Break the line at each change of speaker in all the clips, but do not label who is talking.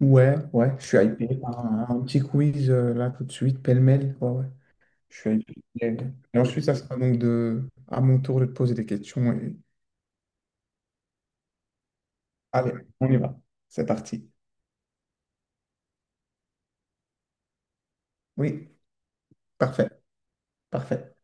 Ouais, ouais, je suis hypé par un petit quiz là tout de suite, pêle-mêle. Ouais, ouais, je suis hypé. Et ensuite, ça sera donc à mon tour de te poser des questions. Allez, on y va. C'est parti. Oui, parfait, parfait.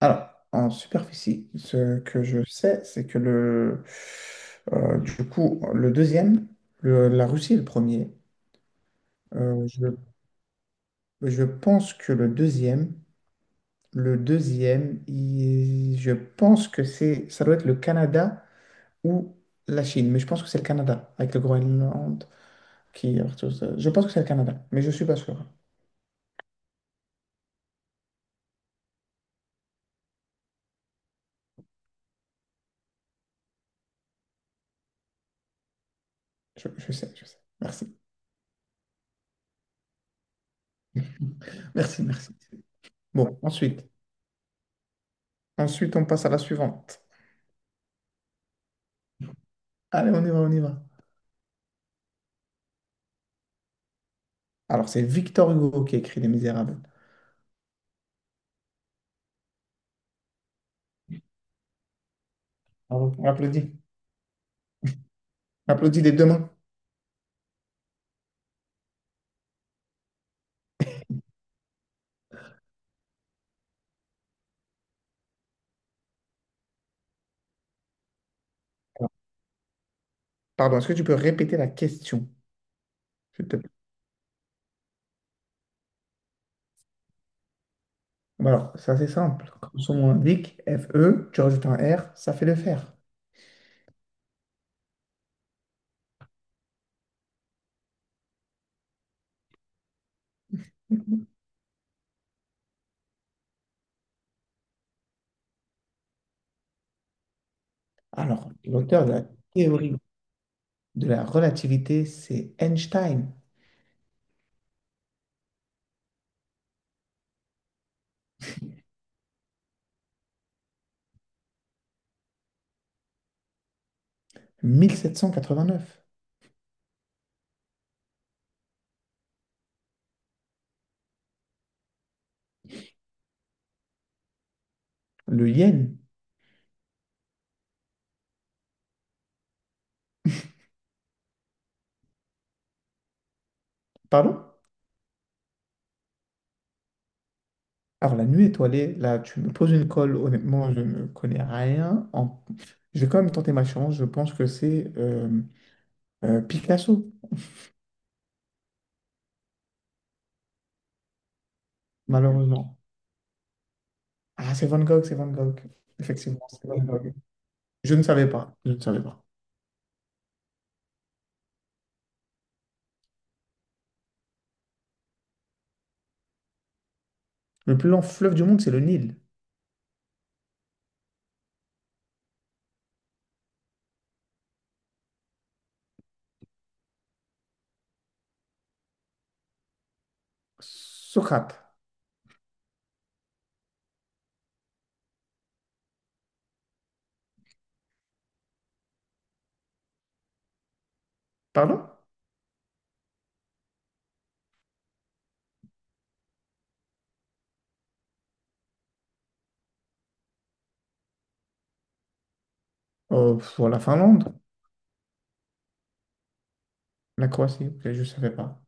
Alors, en superficie, ce que je sais, c'est que du coup, le- la Russie est le premier. Euh, je, je pense que le deuxième, je pense que c'est, ça doit être le Canada, ou la Chine, mais je pense que c'est le Canada, avec le Groenland qui est partout. Je pense que c'est le Canada, mais je ne suis pas sûr. Je sais, je sais. Merci. Merci, merci. Bon, ensuite. Ensuite, on passe à la suivante. Allez, on y va, on y va. Alors, c'est Victor Hugo qui a écrit Les Misérables. Bravo. On applaudit. On applaudit des deux mains. Pardon, est-ce que tu peux répéter la question, s'il te plaît? Bon, alors, c'est assez simple. Comme son nom l'indique, F E, tu rajoutes un R, ça fait le fer. Alors, l'auteur de la théorie de la relativité, c'est Einstein, mille sept cent quatre-vingt-neuf. Le yen. Pardon? Alors, la nuit étoilée, là, tu me poses une colle, honnêtement, je ne connais rien. Je vais quand même tenter ma chance. Je pense que c'est Picasso, malheureusement. Ah, c'est Van Gogh, c'est Van Gogh. Effectivement, c'est Van Gogh. Je ne savais pas. Je ne savais pas. Le plus long fleuve du monde, c'est le Nil. Socrate. Pardon? Pff, la Finlande, la Croatie, ok, je ne savais pas.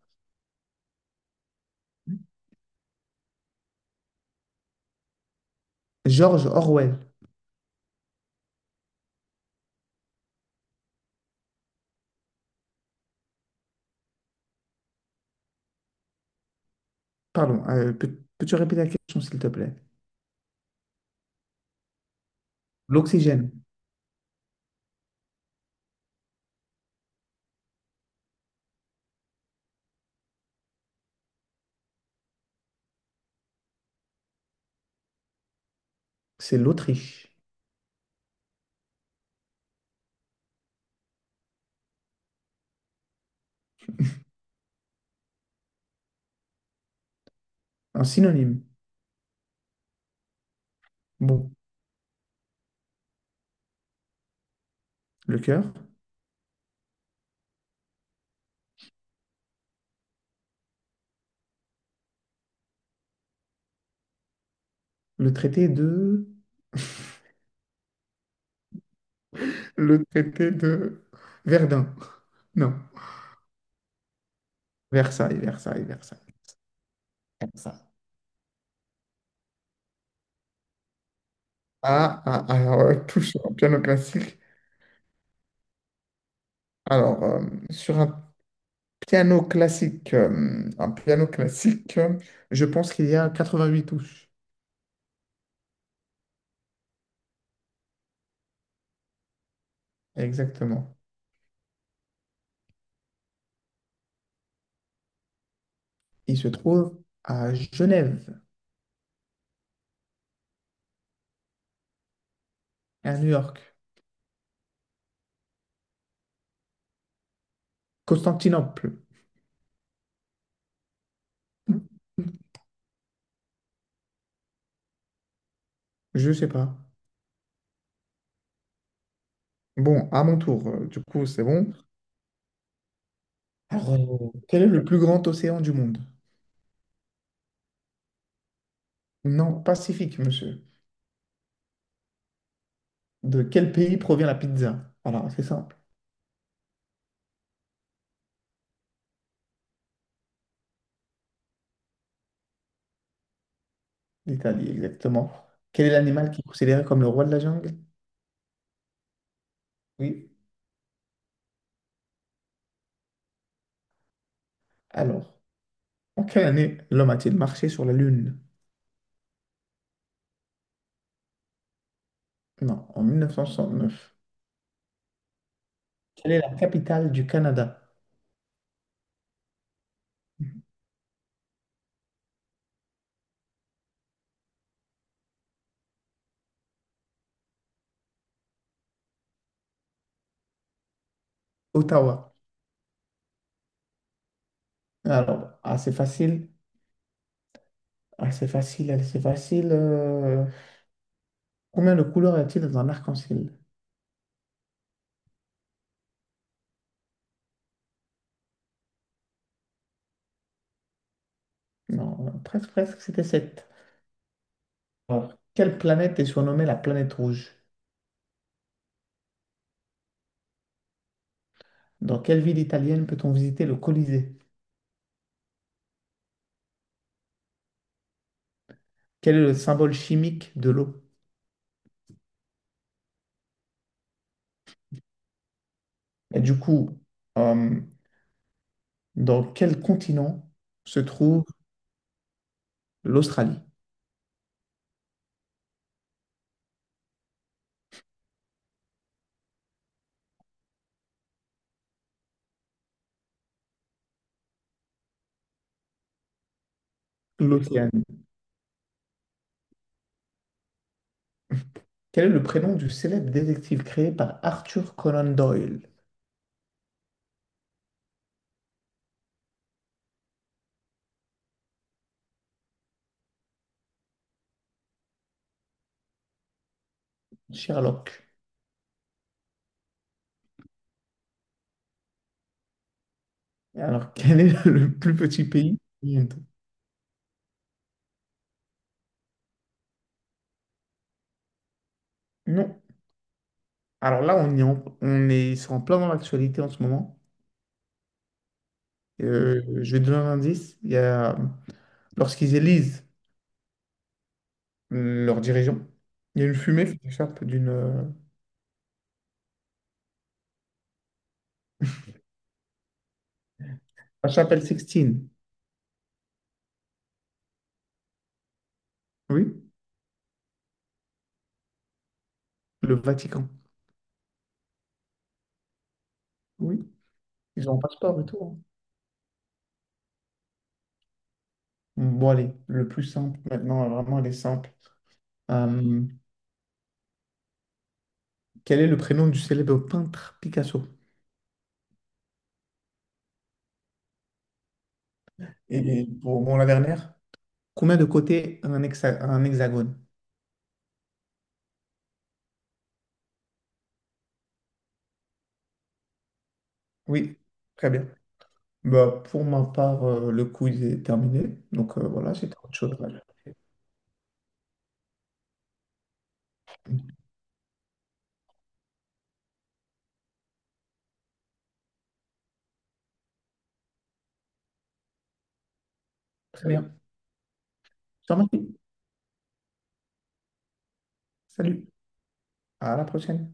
George Orwell. Pardon, tu répéter la question, s'il te plaît? L'oxygène, c'est l'Autriche. Un synonyme. Bon, le cœur, le traité de... Le traité de Verdun. Non, Versailles, Versailles, Versailles. Versailles. Ah, ah, ah, ouais, tout sur un piano classique. Alors, sur un piano classique, je pense qu'il y a 88 touches. Exactement. Il se trouve à Genève, à New York, Constantinople. Je sais pas. Bon, à mon tour, du coup, c'est bon. Alors, quel est le plus grand océan du monde? Non, Pacifique, monsieur. De quel pays provient la pizza? Alors, c'est simple. L'Italie, exactement. Quel est l'animal qui est considéré comme le roi de la jungle? Oui. Alors, en quelle année l'homme a-t-il marché sur la Lune? Non, en mille neuf cent neuf. Quelle est la capitale du Canada? Ottawa. Alors, assez facile. Assez facile, assez facile. Combien de couleurs y a-t-il dans un arc-en-ciel? Non, presque, presque, c'était sept. Ah. Quelle planète est surnommée la planète rouge? Dans quelle ville italienne peut-on visiter le Colisée? Quel est le symbole chimique de l'eau? Et du coup, euh, dans quel continent se trouve l'Australie? L'Océanie. Quel est le prénom du célèbre détective créé par Arthur Conan Doyle? Sherlock. Et alors, quel est le plus petit pays du monde? Non. Alors là, on est, c'est en plein dans l'actualité en ce moment. Je vais te donner un indice. Il y a lorsqu'ils élisent leurs dirigeants, il y a une fumée qui s'échappe d'une la chapelle Sixtine, oui, le Vatican, oui, ils ont un passeport et tout, hein. Bon, allez, le plus simple maintenant, vraiment, elle est simple. Euh, quel est le prénom du célèbre peintre Picasso? Et pour bon, la dernière, combien de côtés a un hexagone? Oui, très bien. Bah, pour ma part, le quiz est terminé. Donc voilà, c'était autre chose à rajouter. Très bien. Je te remercie. Salut. À la prochaine.